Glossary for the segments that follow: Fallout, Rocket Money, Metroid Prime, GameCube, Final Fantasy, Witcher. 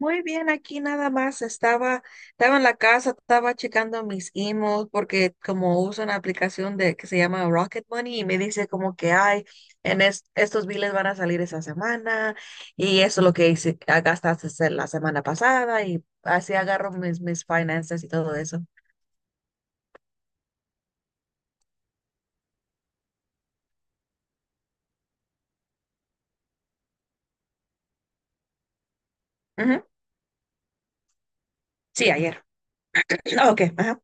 Muy bien, aquí nada más estaba en la casa, estaba checando mis emails porque como uso una aplicación de que se llama Rocket Money y me dice como que ay, estos biles van a salir esa semana y eso es lo que hice, gastaste se- la semana pasada y así agarro mis finanzas y todo eso. Ujú. Sí, ayer. Ok, ajá,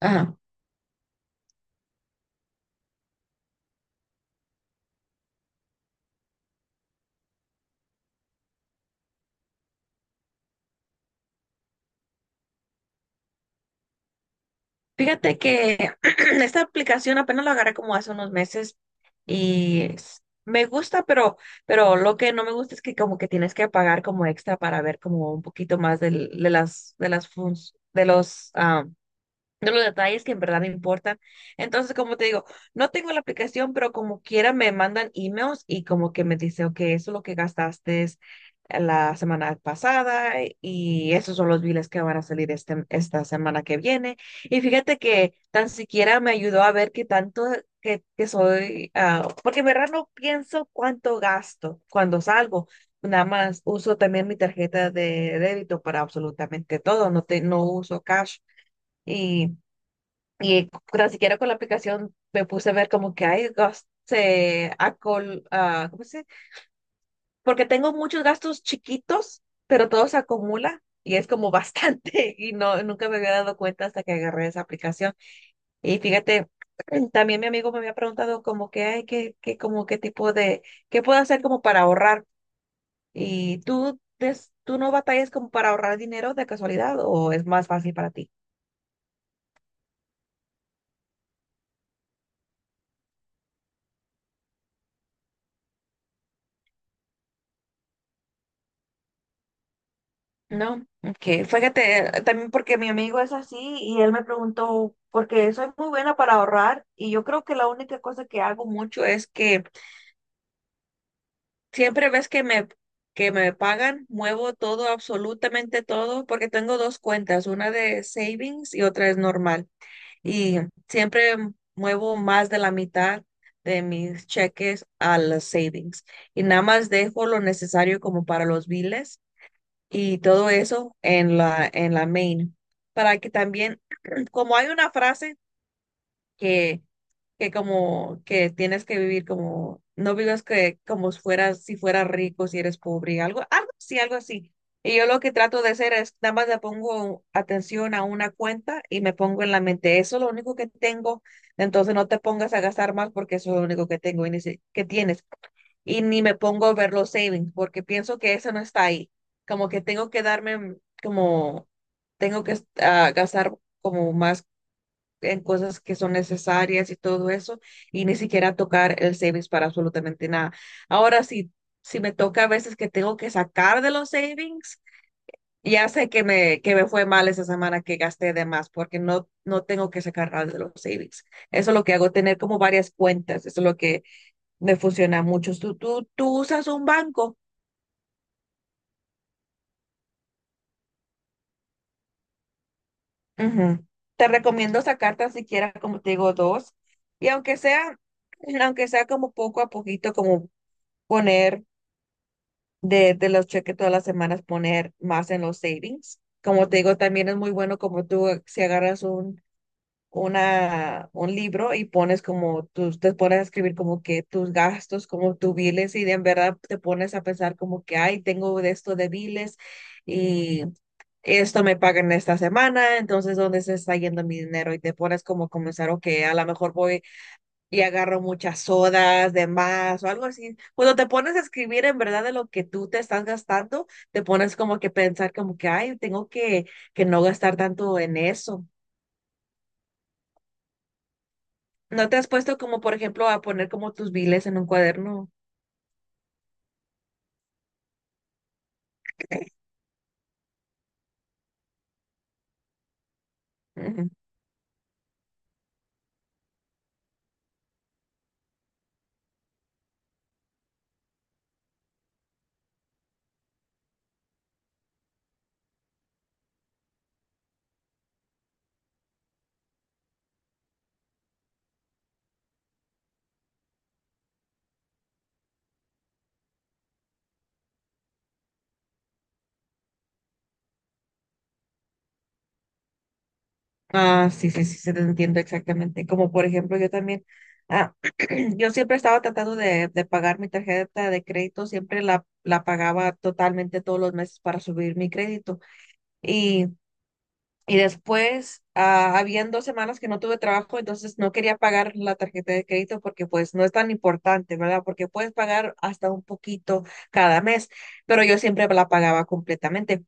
ajá. Fíjate que esta aplicación apenas la agarré como hace unos meses me gusta, pero lo que no me gusta es que como que tienes que pagar como extra para ver como un poquito más las de las de los detalles que en verdad me importan. Entonces, como te digo, no tengo la aplicación, pero como quiera me mandan emails y como que me dice, ok, eso es lo que gastaste la semana pasada y esos son los biles que van a esta semana que viene. Y fíjate que tan siquiera me ayudó a ver qué tanto que soy, porque en verdad no pienso cuánto gasto cuando salgo. Nada más uso también mi tarjeta de débito para absolutamente todo, no uso cash. Y y tan siquiera con la aplicación me puse a ver como que hay gastos, ¿cómo se dice? Porque tengo muchos gastos chiquitos, pero todo se acumula y es como bastante y no, nunca me había dado cuenta hasta que agarré esa aplicación. Y fíjate, también mi amigo me había preguntado como que, ay, qué tipo de, qué puedo hacer como para ahorrar. ¿Y tú, des- tú no batallas como para ahorrar dinero de casualidad o es más fácil para ti? No, ok. Fíjate, también porque mi amigo es así y él me preguntó, porque soy muy buena para ahorrar y yo creo que la única cosa que hago mucho es que siempre ves que que me pagan, muevo todo, absolutamente todo, porque tengo dos cuentas, una de savings y otra es normal. Y siempre muevo más de la mitad de mis cheques a las savings y nada más dejo lo necesario como para los biles y todo eso en la main. Para que también, como hay una frase que, que como que tienes que vivir como, no vivas que como si fueras, si fueras rico, si eres pobre, algo así. Y yo lo que trato de hacer es, nada más le pongo atención a una cuenta y me pongo en la mente, eso es lo único que tengo, entonces no te pongas a gastar más porque eso es lo único que tengo y ni si- que tienes y ni me pongo a ver los savings porque pienso que eso no está ahí. Como que tengo que darme, mm, como tengo que gastar como más en cosas que son necesarias y todo eso y ni siquiera tocar el savings para absolutamente nada. Ahora sí, si me toca a veces que tengo que sacar de los savings, ya sé que me fue mal esa semana que gasté de más porque no, no tengo que sacar nada de los savings. Eso es lo que hago, tener como varias cuentas. Eso es lo que me funciona mucho. Tú usas un banco. Ujú. Te recomiendo sacar tan siquiera, como te digo, dos. Y aunque sea como poco a poquito, como poner de los cheques todas las semanas, poner más en los savings. Como te digo, también es muy bueno como tú, si agarras un libro y pones como tus, te pones a escribir como que tus gastos, como tus biles y de en verdad te pones a pensar como que, ay, tengo de esto de biles y esto me pagan esta semana, entonces ¿dónde se está yendo mi dinero? Y te pones como a comenzar, ok, a lo mejor voy y agarro muchas sodas de más o algo así. Cuando te pones a escribir en verdad de lo que tú te estás gastando, te pones como que pensar como que, ay, que no gastar tanto en eso. ¿No te has puesto como, por ejemplo, a poner como tus biles en un cuaderno? Ujú. Ah, sí, se te entiendo exactamente. Como, por ejemplo, yo también, ah, yo siempre estaba tratando de pagar mi tarjeta de crédito, siempre la pagaba totalmente todos los meses para subir mi crédito. Y, y después, habían dos semanas que no tuve trabajo, entonces no quería pagar la tarjeta de crédito porque pues no es tan importante, ¿verdad? Porque puedes pagar hasta un poquito cada mes, pero yo siempre la pagaba completamente.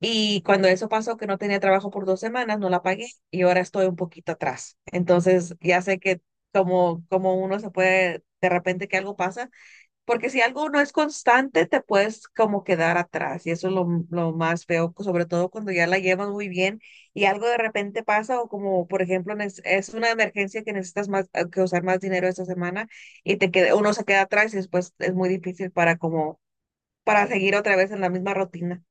Y cuando eso pasó, que no tenía trabajo por dos semanas, no la pagué y ahora estoy un poquito atrás. Entonces, ya sé que como uno se puede, de repente que algo pasa, porque si algo no es constante, te puedes como quedar atrás y eso es lo más feo, sobre todo cuando ya la llevas muy bien y algo de repente pasa o como, por ejemplo, es una emergencia que necesitas más, que usar más dinero esta semana y te queda, uno se queda atrás y después es muy difícil para como, para seguir otra vez en la misma rutina.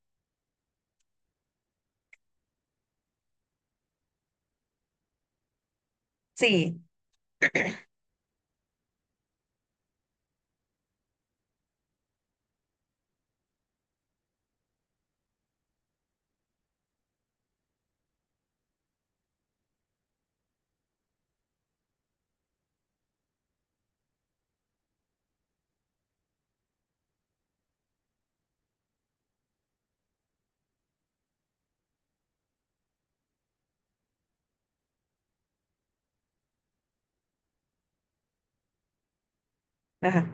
Sí, ajá.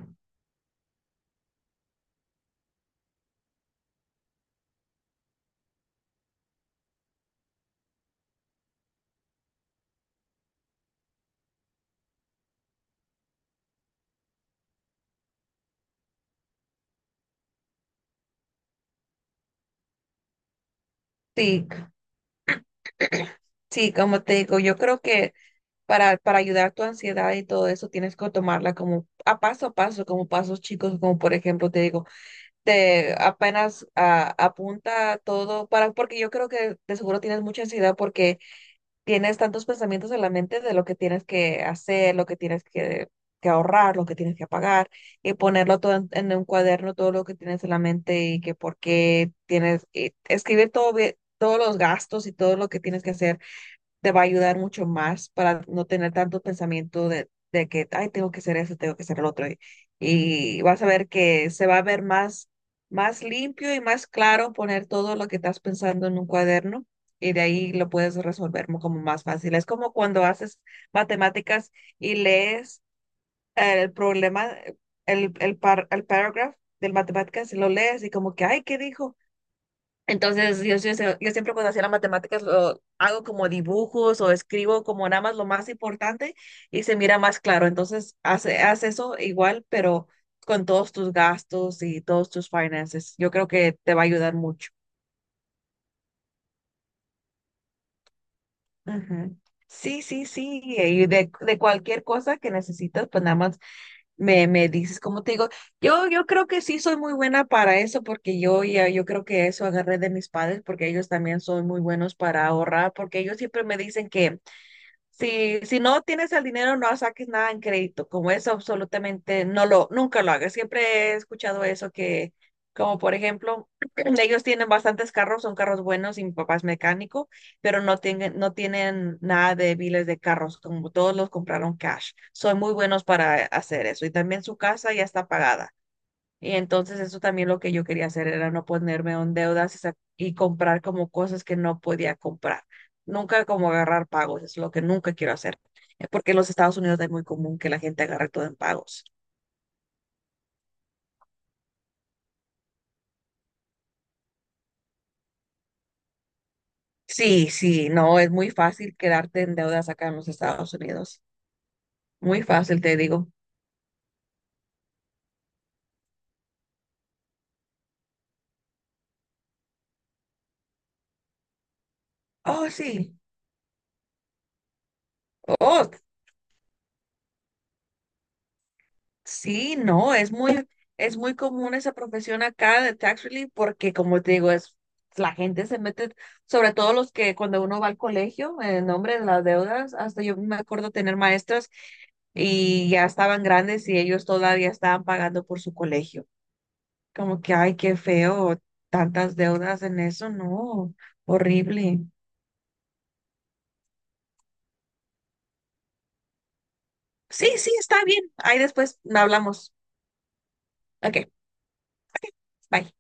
Sí, sí, como te digo, yo creo que para ayudar a tu ansiedad y todo eso tienes que tomarla como a paso, como pasos chicos, como por ejemplo te digo, te apenas apunta todo para, porque yo creo que de seguro tienes mucha ansiedad porque tienes tantos pensamientos en la mente de lo que tienes que hacer, lo que que ahorrar, lo que tienes que pagar y ponerlo todo en un cuaderno, todo lo que tienes en la mente y que por qué tienes, y escribir todo bien, todos los gastos y todo lo que tienes que hacer te va a ayudar mucho más para no tener tanto pensamiento de que, ay, tengo que hacer eso, tengo que hacer el otro. Y vas a ver que se va a ver más limpio y más claro poner todo lo que estás pensando en un cuaderno y de ahí lo puedes resolver como más fácil. Es como cuando haces matemáticas y lees el problema, el paragraph del matemáticas y lo lees y como que, ay, ¿qué dijo? Entonces, yo siempre cuando hacía las matemáticas lo hago como dibujos o escribo como nada más lo más importante y se mira más claro. Entonces, haz eso igual, pero con todos tus gastos y todos tus finances. Yo creo que te va a ayudar mucho. Ujú. Sí, sí, sí. Y de cualquier cosa que necesitas, pues nada más me dices, como te digo, yo creo que sí soy muy buena para eso porque yo creo que eso agarré de mis padres porque ellos también son muy buenos para ahorrar porque ellos siempre me dicen que si no tienes el dinero, no saques nada en crédito, como eso absolutamente nunca lo hagas. Siempre he escuchado eso como por ejemplo, ellos tienen bastantes carros, son carros buenos y mi papá es mecánico, pero no tienen nada de biles de carros, como todos los compraron cash. Son muy buenos para hacer eso. Y también su casa ya está pagada. Y entonces eso también lo que yo quería hacer era no ponerme en deudas y comprar como cosas que no podía comprar. Nunca como agarrar pagos, es lo que nunca quiero hacer. Porque en los Estados Unidos es muy común que la gente agarre todo en pagos. Sí, sí, no, es muy fácil quedarte en deudas acá en los Estados Unidos. Muy fácil, te digo. Oh, sí. Oh, sí, no, es muy común esa profesión acá de tax relief porque como te digo, es la gente se mete, sobre todo los que cuando uno va al colegio en nombre de las deudas, hasta yo me acuerdo tener maestras y ya estaban grandes y ellos todavía estaban pagando por su colegio. Como que, ay, qué feo, tantas deudas en eso, no, horrible. Sí, sí, está bien. Ahí después hablamos. Ok, bye.